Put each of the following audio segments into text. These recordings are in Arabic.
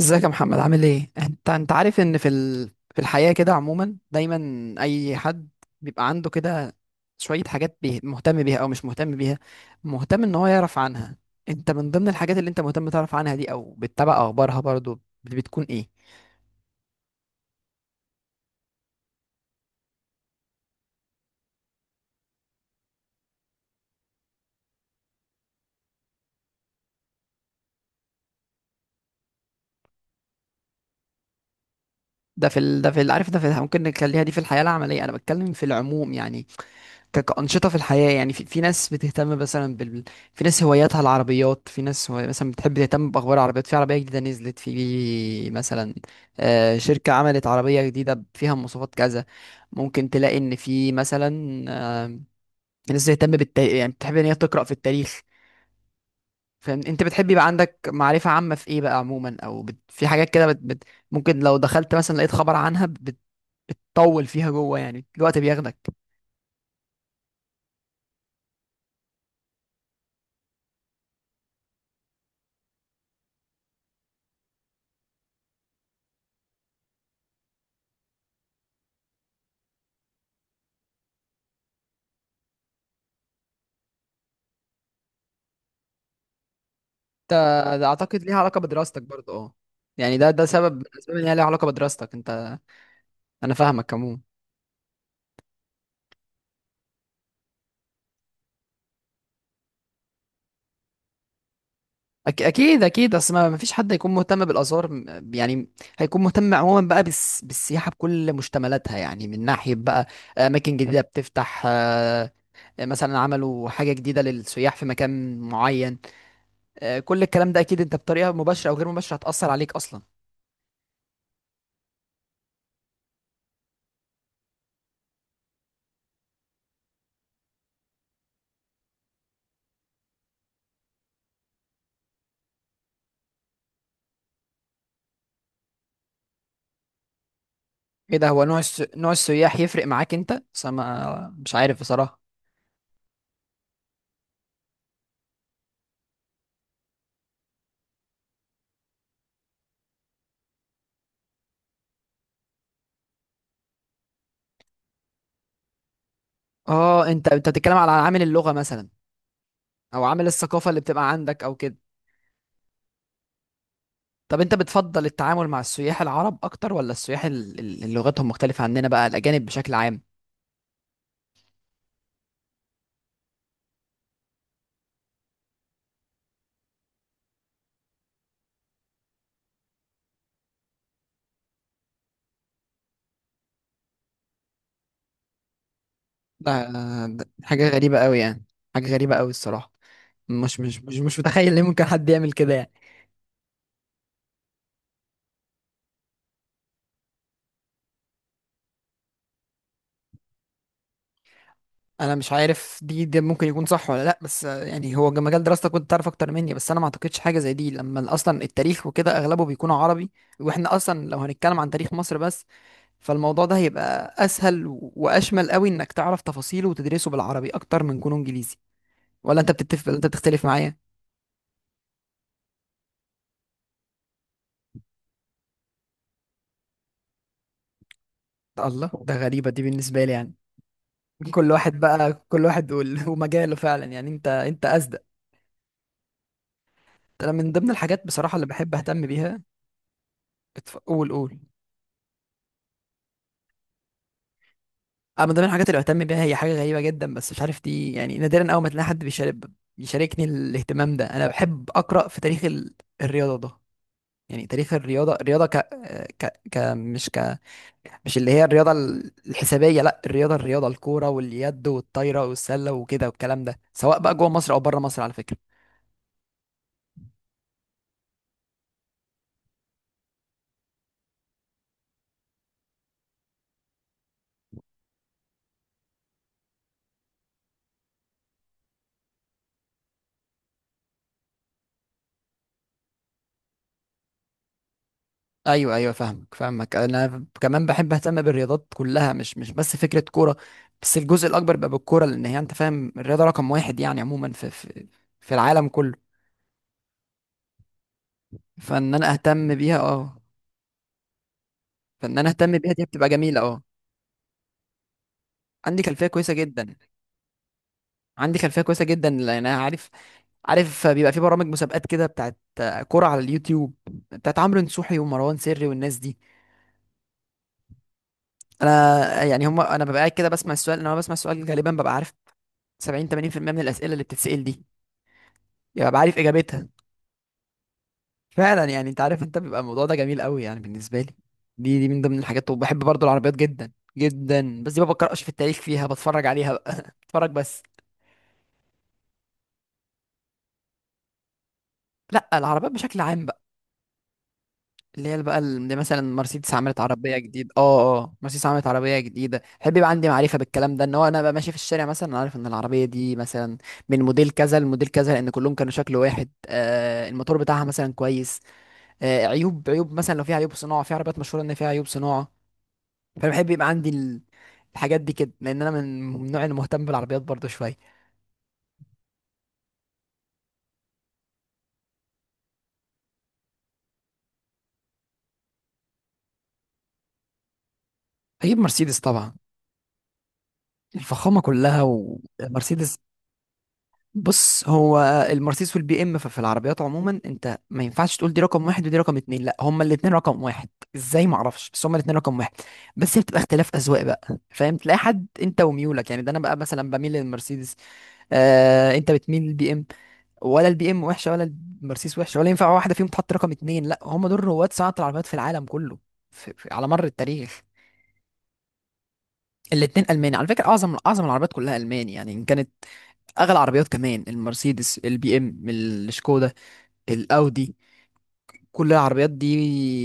ازيك يا محمد؟ عامل ايه؟ انت عارف ان في في الحياة كده عموما دايما اي حد بيبقى عنده كده شوية حاجات بيه مهتم بيها او مش مهتم بيها، مهتم ان هو يعرف عنها. انت من ضمن الحاجات اللي انت مهتم تعرف عنها دي او بتتابع اخبارها برضو بتكون ايه؟ عارف، ممكن نخليها دي في الحياة العملية، انا بتكلم في العموم يعني. كأنشطة في الحياة، يعني في ناس بتهتم مثلا في ناس هواياتها العربيات، في ناس مثلا بتحب تهتم بأخبار العربيات، في عربية جديدة نزلت في مثلا، شركة عملت عربية جديدة فيها مواصفات كذا. ممكن تلاقي إن في مثلا آه، ناس بتهتم بالتاريخ، يعني بتحب إن هي تقرأ في التاريخ. فاهم؟ أنت بتحب يبقى عندك معرفة عامة في إيه بقى عموما؟ أو في حاجات كده ممكن لو دخلت مثلا لقيت خبر عنها بتطول فيها جوه، يعني الوقت بياخدك. ده اعتقد ليها علاقه بدراستك برضه، اه. يعني ده سبب من الاسباب، ان هي ليها علاقه بدراستك انت. انا فاهمك عموما. اكيد اكيد، اصل ما فيش حد هيكون مهتم بالاثار يعني هيكون مهتم عموما بقى بالسياحه بكل مشتملاتها، يعني من ناحيه بقى اماكن جديده بتفتح، مثلا عملوا حاجه جديده للسياح في مكان معين، كل الكلام ده اكيد انت بطريقه مباشره او غير مباشره هتاثر عليك اصلا. ايه ده؟ هو نوع نوع السياح يفرق معاك انت؟ بس أنا ما مش عارف بصراحه. اه، انت بتتكلم على عامل اللغة مثلا، او عامل الثقافة اللي بتبقى عندك او كده. طب انت بتفضل التعامل مع السياح العرب اكتر ولا السياح اللي لغتهم مختلفة عننا بقى، الاجانب بشكل عام؟ ده ده حاجة غريبة قوي يعني، حاجة غريبة قوي الصراحة. مش متخيل ليه ممكن حد يعمل كده يعني. انا مش عارف دي، ده ممكن يكون صح ولا لا، بس يعني هو مجال دراستك كنت تعرف اكتر مني، بس انا ما اعتقدش حاجة زي دي، لما اصلا التاريخ وكده اغلبه بيكون عربي. واحنا اصلا لو هنتكلم عن تاريخ مصر بس، فالموضوع ده هيبقى اسهل واشمل قوي انك تعرف تفاصيله وتدرسه بالعربي اكتر من كونه انجليزي. ولا انت بتتفق ولا انت بتختلف معايا؟ الله، ده غريبة دي بالنسبة لي يعني. كل واحد بقى، كل واحد ومجاله فعلا يعني، انت اصدق. انا من ضمن الحاجات بصراحة اللي بحب اهتم بيها. قول قول. انا من ضمن الحاجات اللي بهتم بيها، هي حاجة غريبة جدا، بس مش عارف دي يعني نادرا اول ما تلاقي حد بيشاركني الاهتمام ده. انا بحب اقرا في تاريخ الرياضة. ده يعني تاريخ الرياضة. الرياضة ك... ك... ك... مش ك مش اللي هي الرياضة الحسابية، لا، الرياضة الكورة واليد والطايرة والسلة وكده والكلام ده، سواء بقى جوه مصر أو بره مصر على فكرة. أيوه أيوه، فاهمك فاهمك. أنا كمان بحب أهتم بالرياضات كلها، مش بس فكرة كورة، بس الجزء الأكبر بقى بالكورة، لأن هي، أنت فاهم، الرياضة رقم واحد يعني عموما في العالم كله. فإن أنا أهتم بيها، أه. فإن أنا أهتم بيها، دي بتبقى جميلة، أه. عندي خلفية كويسة جدا، عندي خلفية كويسة جدا، لأن أنا عارف. عارف بيبقى في برامج مسابقات كده بتاعت كرة على اليوتيوب، بتاعت عمرو نصوحي ومروان سري والناس دي. انا يعني هم، انا ببقى قاعد كده بسمع السؤال، انا بسمع السؤال غالبا ببقى عارف 70 80% من الاسئله اللي بتتسال دي، يعني ببقى عارف اجابتها. فعلا يعني انت عارف، انت بيبقى الموضوع ده جميل قوي يعني بالنسبه لي. دي من ضمن الحاجات، وبحب برضو العربيات جدا جدا، بس دي ما بقراش في التاريخ فيها، بتفرج عليها بقى. بتفرج بس. لا، العربيات بشكل عام، اللي هي بقى اللي مثلا مرسيدس عملت عربيه جديده. اه اه، مرسيدس عملت عربيه جديده، احب يبقى عندي معرفه بالكلام ده، ان هو انا بقى ماشي في الشارع مثلا، انا عارف ان العربيه دي مثلا من موديل كذا لموديل كذا، لان كلهم كانوا شكل واحد. آه، الموتور بتاعها مثلا كويس، آه، عيوب، عيوب مثلا لو في عيوب صناعه، في عربيات مشهوره ان فيها عيوب صناعه، فانا بحب يبقى عندي الحاجات دي كده، لان انا من النوع اللي مهتم بالعربيات برضه شويه. هجيب مرسيدس طبعا، الفخامه كلها، ومرسيدس. بص، هو المرسيدس والبي ام، ففي العربيات عموما انت ما ينفعش تقول دي رقم واحد ودي رقم اتنين، لا، هما الاتنين رقم واحد. ازاي؟ ما اعرفش، بس هما الاتنين رقم واحد. بس هي بتبقى اختلاف اذواق بقى، فاهم، تلاقي حد انت وميولك يعني، ده انا بقى مثلا بميل للمرسيدس، آه، انت بتميل للبي ام. ولا البي ام وحشه؟ ولا المرسيدس وحشه؟ ولا ينفع واحده فيهم تحط رقم اتنين؟ لا، هما دول رواد صناعه العربيات في العالم كله، في على مر التاريخ. الاتنين الماني على فكره، اعظم اعظم العربيات كلها الماني، يعني ان كانت اغلى عربيات كمان، المرسيدس، البي ام، الشكودا، الاودي، كل العربيات دي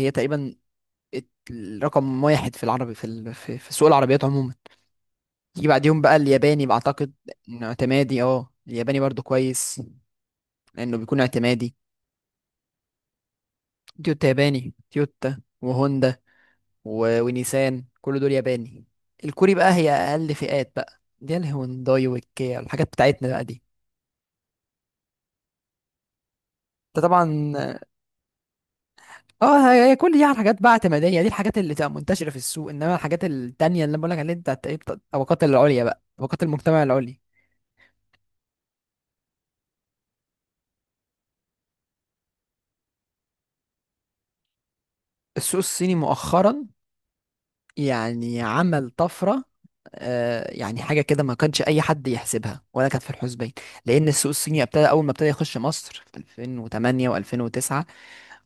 هي تقريبا الرقم واحد في العربي، في في سوق العربيات عموما. يجي بعديهم بقى الياباني بعتقد، إنه اعتمادي. اه، الياباني برضو كويس، لانه بيكون اعتمادي. تويوتا ياباني، تويوتا وهوندا ونيسان، كل دول ياباني. الكوري بقى هي اقل فئات بقى، دي الهونداي والكيا، الحاجات بتاعتنا بقى دي. انت طبعا. اه، هي كل دي حاجات بقى اعتماديه، دي الحاجات اللي تبقى منتشره في السوق، انما الحاجات التانيه اللي انا بقول لك عليها دي بتاعت ايه، بتاعت الطبقات العليا بقى، طبقات المجتمع العليا. السوق الصيني مؤخرا يعني عمل طفره، آه، يعني حاجه كده ما كانش اي حد يحسبها ولا كانت في الحسبان، لان السوق الصيني ابتدى، اول ما ابتدى يخش مصر في 2008 و2009،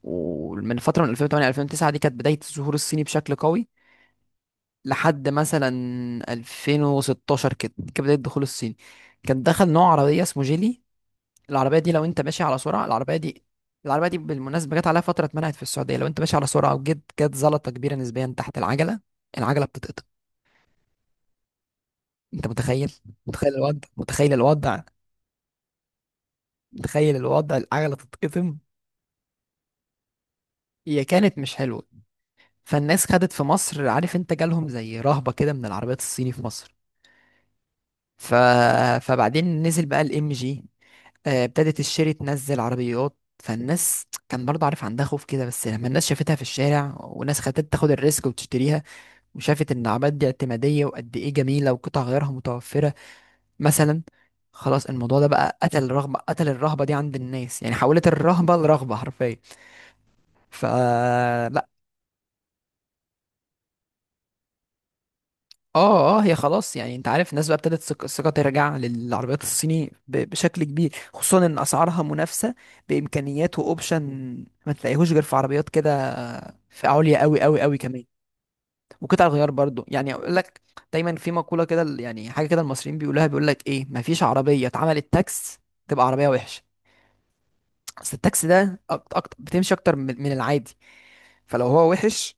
ومن فتره، من 2008 2009، دي كانت بدايه ظهور الصيني بشكل قوي. لحد مثلا 2016 كده كانت بدايه دخول الصيني، كان دخل نوع عربية اسمه جيلي. العربية دي، لو انت ماشي على سرعة العربية دي، العربية دي بالمناسبة جت عليها فترة اتمنعت في السعودية، لو انت ماشي على سرعة وجيت جت زلطة كبيرة نسبيا تحت العجلة، العجلة بتتقطم، انت متخيل؟ متخيل الوضع، متخيل الوضع، متخيل الوضع، العجلة تتقطم. هي كانت مش حلوة، فالناس خدت في مصر، عارف انت، جالهم زي رهبة كده من العربيات الصيني في مصر. ف... فبعدين نزل بقى الام جي، ابتدت الشيري تنزل عربيات، فالناس كان برضه، عارف، عندها خوف كده، بس لما الناس شافتها في الشارع، وناس خدت تاخد الريسك وتشتريها، وشافت ان العملات دي اعتمادية وقد ايه جميلة وقطع غيارها متوفرة مثلا، خلاص الموضوع ده بقى قتل الرغبة، قتل الرهبة دي عند الناس، يعني حولت الرهبة لرغبة حرفيا. فلا. اه اه، هي خلاص يعني، انت عارف، الناس بقى ابتدت الثقة ترجع للعربيات الصيني بشكل كبير، خصوصا ان اسعارها منافسة، بامكانيات واوبشن ما تلاقيهوش غير في عربيات كده في عليا قوي قوي قوي كمان. وقطع الغيار برضو، يعني اقول لك، دايما في مقولة كده، يعني حاجة كده المصريين بيقولوها، بيقول لك ايه، مفيش عربية اتعملت تاكس تبقى عربية وحشة، بس التاكس ده أكتر أكتر، بتمشي اكتر من العادي، فلو هو وحش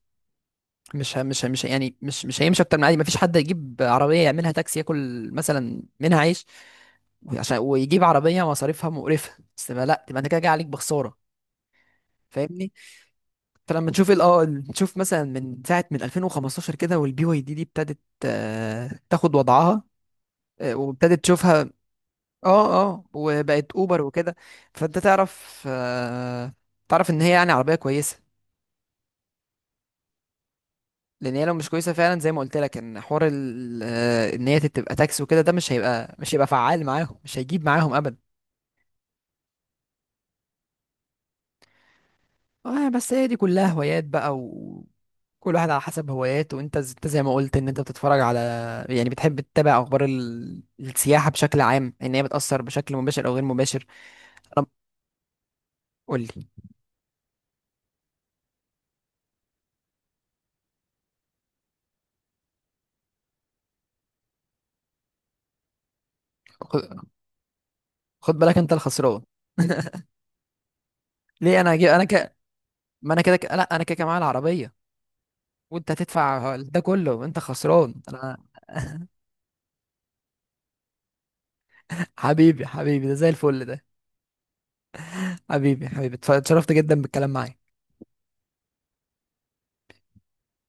مش ه- مش ه- مش ه- يعني مش هيمشي اكتر من العادي. مفيش حد يجيب عربية يعملها تاكسي ياكل مثلا منها عيش وعشان، ويجيب عربية مصاريفها مقرفة، بس ما لا، تبقى انت كده جاي عليك بخسارة. فاهمني؟ فلما تشوف نشوف مثلا من ساعة، من 2015 كده، والبي واي دي دي ابتدت، تاخد وضعها، وابتدت تشوفها. اه اه، وبقت اوبر وكده. فانت تعرف، آه، تعرف ان هي يعني عربيه كويسه، لان هي لو مش كويسه فعلا، زي ما قلت لك، ان حوار ان هي تبقى تاكسي وكده، ده مش هيبقى، مش هيبقى فعال معاهم، مش هيجيب معاهم ابدا. اه، بس هي دي كلها هوايات بقى، وكل واحد على حسب هواياته، وانت انت زي ما قلت، ان انت بتتفرج على، يعني بتحب تتابع اخبار السياحه بشكل عام، ان هي بتاثر بشكل مباشر او غير مباشر. انا، قول لي. خد خد بالك، انت الخسران. ليه انا هجيب؟ انا ما انا كده لا، انا كده كده معايا العربيه وانت هتدفع ده كله، انت خسران انا. حبيبي حبيبي، ده زي الفل ده. حبيبي حبيبي، اتشرفت جدا بالكلام معاك.